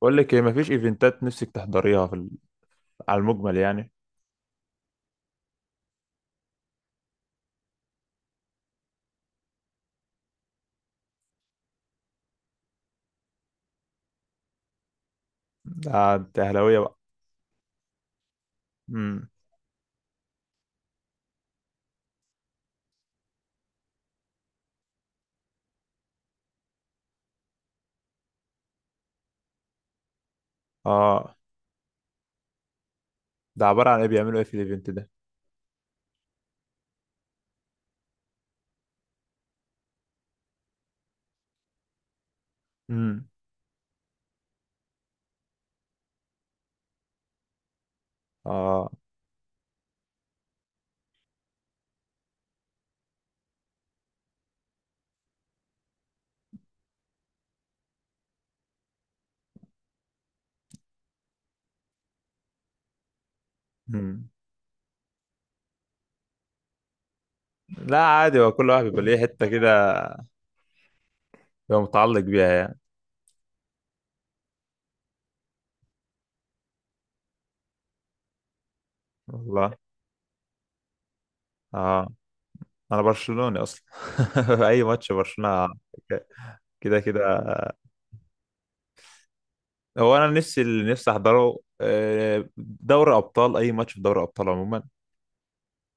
بقول لك ايه؟ مفيش ايفنتات نفسك تحضريها في على المجمل يعني. ده انت اهلاويه بقى؟ امم. اه. ده عباره عن ايه؟ بيعملوا ايه في الايفنت ده؟ امم. اه. امم. لا، عادي، هو كل واحد بيبقى ليه حته كده، بيبقى متعلق بيها يعني. والله. اه. انا برشلوني اصلا اي ماتش برشلونه كده كده. هو انا نفسي اللي نفسي احضره دوري ابطال، اي ماتش في دوري ابطال عموما.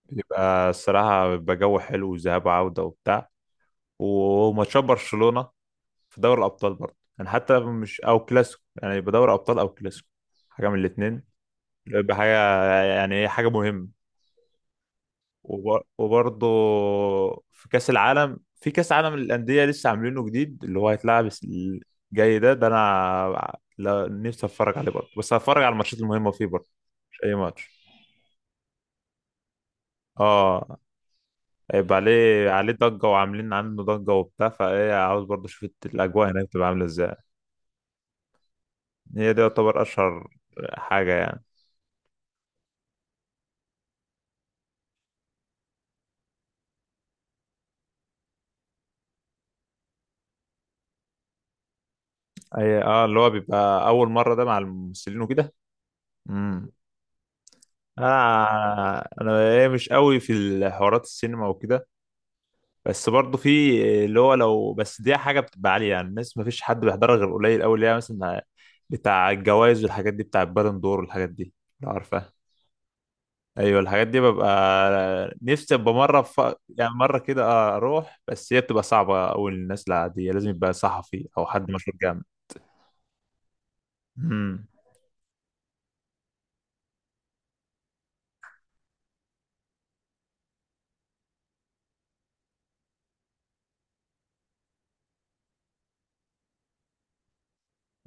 بيبقى الصراحه بيبقى جو حلو وذهاب وعوده وبتاع، وماتشات برشلونه في دوري الابطال برضه، يعني حتى مش او كلاسيكو، يعني يبقى دوري ابطال او كلاسيكو، حاجه من الاثنين. يبقى حاجه، يعني ايه، حاجه مهمه. وبرضه في كاس العالم، في كاس عالم للانديه لسه عاملينه جديد اللي هو هيتلعب الجاي ده انا نفسي اتفرج عليه برضه، بس هتفرج على الماتشات المهمه فيه برضه، مش اي ماتش. اه. هيبقى عليه ضجه، وعاملين عنه ضجه وبتاع، فايه عاوز برضه اشوف الاجواء هناك تبقى عامله ازاي. هي دي يعتبر اشهر حاجه يعني. اي اه اللي هو بيبقى اول مره ده مع الممثلين وكده. امم. انا انا إيه مش قوي في الحوارات السينما وكده، بس برضه في اللي هو، لو بس دي حاجه بتبقى عاليه يعني الناس ما فيش حد بيحضرها غير قليل قوي، اللي هي مثلا بتاع الجوائز والحاجات دي، بتاع البالون دور والحاجات دي، لو عارفها. ايوه، الحاجات دي ببقى نفسي ابقى مره. يعني مره كده اروح، بس هي بتبقى صعبه قوي للناس العاديه، لازم يبقى صحفي او حد مشهور جامد. امم.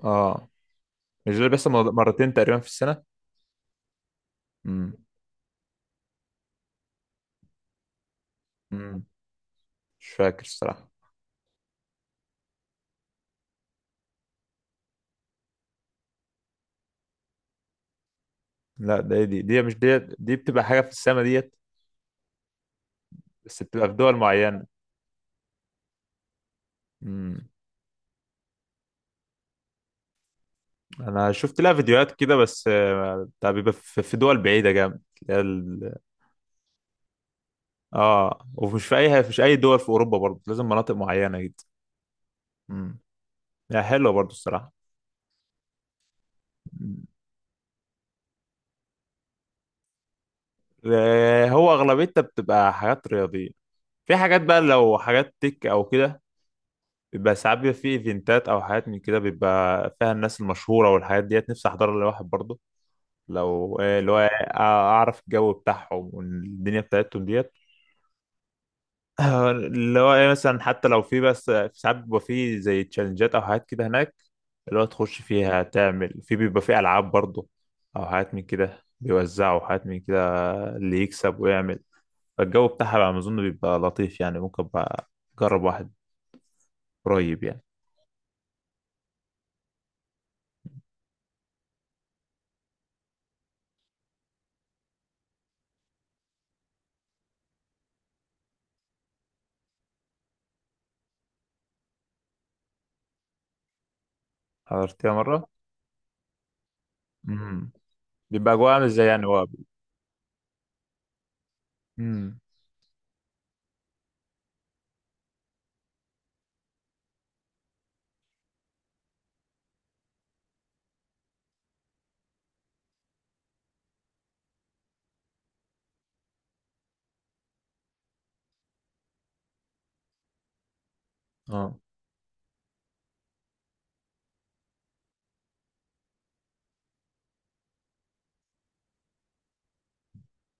اه. مش ده اللي بيحصل مرتين تقريبا في السنه؟ امم. امم. مش فاكر الصراحة. لا، ده دي دي مش دي بتبقى حاجة في السما ديت، بس بتبقى في دول معينة. امم. انا شفت لها فيديوهات كده، بس بتاع بيبقى في دول بعيدة جامد، اللي هي. اه، ومش في اي، مش اي دول في اوروبا برضه، لازم مناطق معينة جدا. امم. يعني حلوة برضه الصراحة. مم. هو اغلبيتها بتبقى حاجات رياضية، في حاجات بقى لو حاجات تك او كده، بيبقى ساعات بيبقى في ايفنتات او حاجات من كده بيبقى فيها الناس المشهورة والحاجات ديت، نفسي احضرها لواحد برضه، لو اللي هو اعرف الجو بتاعهم والدنيا بتاعتهم ديت. اللي هو إيه، مثلا حتى لو في، بس في ساعات بيبقى في زي تشالنجات او حاجات كده هناك، اللي هو تخش فيها تعمل في، بيبقى في العاب برضه، او حاجات من كده بيوزعوا حاجات من كده اللي يكسب ويعمل، فالجو بتاعها بقى ما اظن بيبقى لطيف يعني، ممكن بقى اجرب واحد قريب يعني. حضرتها مره. امم. بيبقى جوه عامل ازاي يعني هو؟ امم. اه.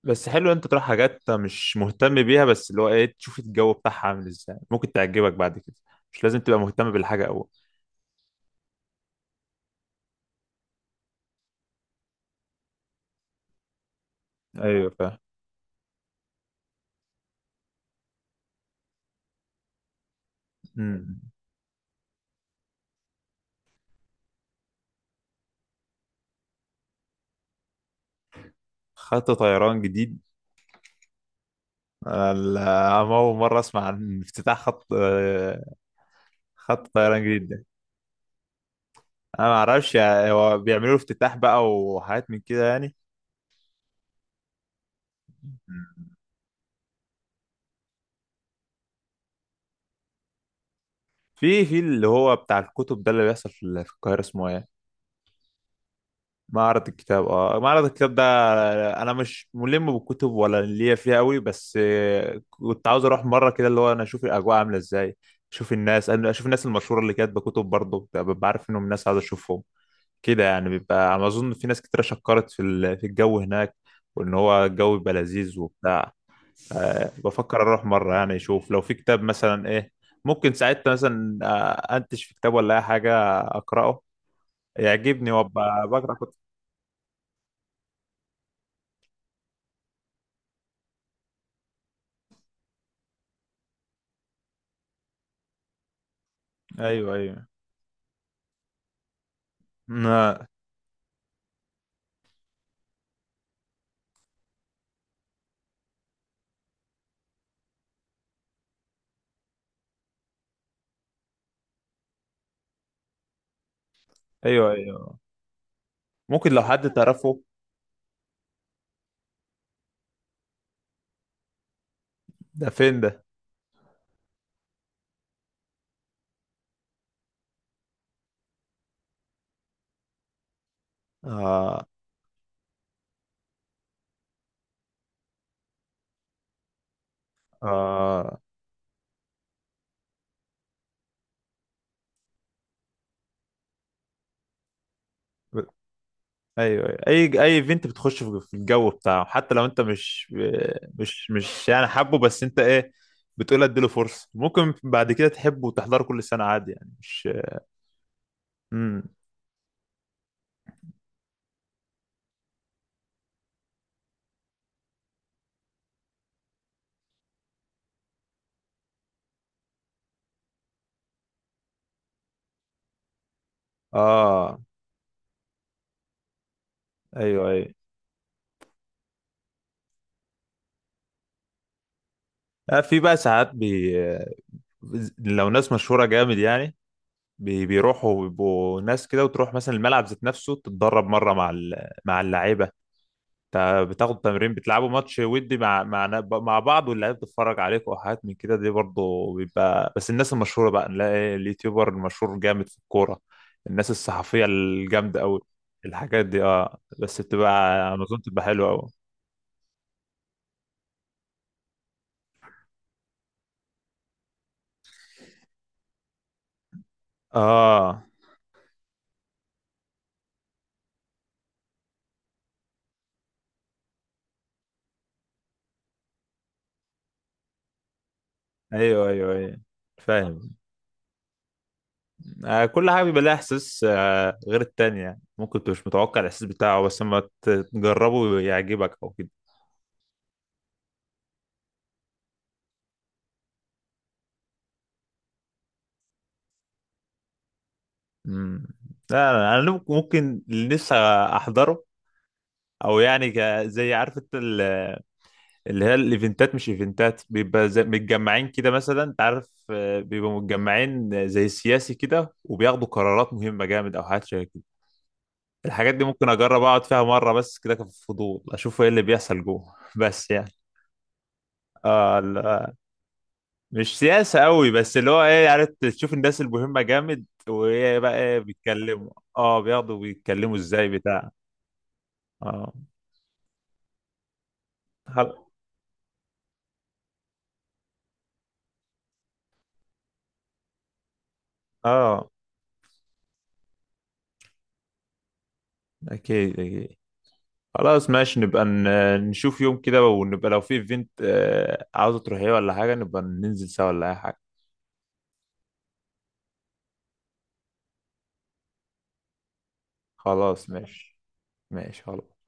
بس حلو انت تروح حاجات مش مهتم بيها، بس اللي هو ايه، تشوف الجو بتاعها عامل ازاي، ممكن تعجبك بعد كده، مش لازم تبقى مهتم بالحاجة أول. ايوه فاهم. مم. خط طيران جديد؟ انا اول مرة اسمع عن افتتاح خط طيران جديد ده، انا ما اعرفش، يعني هو بيعملوا افتتاح بقى وحاجات من كده يعني. مم. في اللي هو بتاع الكتب ده اللي بيحصل في القاهرة اسمه ايه؟ معرض الكتاب. اه معرض الكتاب ده، انا مش ملم بالكتب ولا ليا فيها قوي، بس كنت عاوز اروح مره كده، اللي هو انا اشوف الاجواء عامله ازاي، اشوف الناس انا اشوف الناس المشهوره اللي كاتبه كتب برضه، ببقى عارف انهم ناس عاوز اشوفهم كده يعني، بيبقى على ما اظن في ناس كتير شكرت في الجو هناك، وان هو الجو بيبقى لذيذ وبتاع. بفكر اروح مره يعني، اشوف لو في كتاب مثلا ايه، ممكن ساعتها مثلا انتش في كتاب ولا اي حاجه اقراه يعجبني وابقى بقرا كتب. ايوه ايوه. آه. ايوه ايوه. ممكن لو حد تعرفه. ده فين ده؟ آه. آه. ايوه أيوة. اي ايفنت بتخش في الجو بتاعه، حتى لو انت مش يعني حابه، بس انت ايه بتقول؟ اديله فرصه، ممكن بعد كده تحبه وتحضره كل سنه عادي يعني، مش. امم. اه. ايوه ايوه. في بقى ساعات لو ناس مشهوره جامد يعني بيروحوا بيبقوا ناس كده، وتروح مثلا الملعب ذات نفسه، تتدرب مره مع اللعيبه، بتاخدوا تمرين بتلعبوا ماتش ودي مع بعض، واللعيبه بتتفرج عليكم وحاجات من كده دي برضه بيبقى، بس الناس المشهوره بقى نلاقي اليوتيوبر المشهور جامد في الكوره، الناس الصحفيه الجامده قوي، الحاجات دي، اه، بس بتبقى على اظن بتبقى حلوه قوي. اه. ايوه ايوه ايوه فاهم. آه كل حاجه بيبقى لها احساس غير التانية، ممكن تبقى مش متوقع الاحساس بتاعه، بس لما تجربه يعجبك او كده. امم. لا، انا ممكن اللي نفسي احضره، او يعني زي عارف انت اللي هي الايفنتات، مش ايفنتات بيبقى زي متجمعين كده، مثلا انت عارف بيبقوا متجمعين زي السياسي كده وبياخدوا قرارات مهمه جامد او حاجات شبه كده، الحاجات دي ممكن اجرب اقعد فيها مره بس كده كفضول، اشوف ايه اللي بيحصل جوه بس يعني. اه لا. مش سياسه قوي، بس اللي هو ايه، عارف، تشوف الناس المهمه جامد، وايه بقى، ايه بيتكلموا. اه، بياخدوا، بيتكلموا ازاي بتاع. اه. خل- اه اكيد اكيد. خلاص ماشي، نبقى نشوف يوم كده، ونبقى لو في ايفنت عاوزة تروحيه ولا حاجة نبقى ننزل سوا ولا أي حاجة. خلاص ماشي. ماشي خلاص.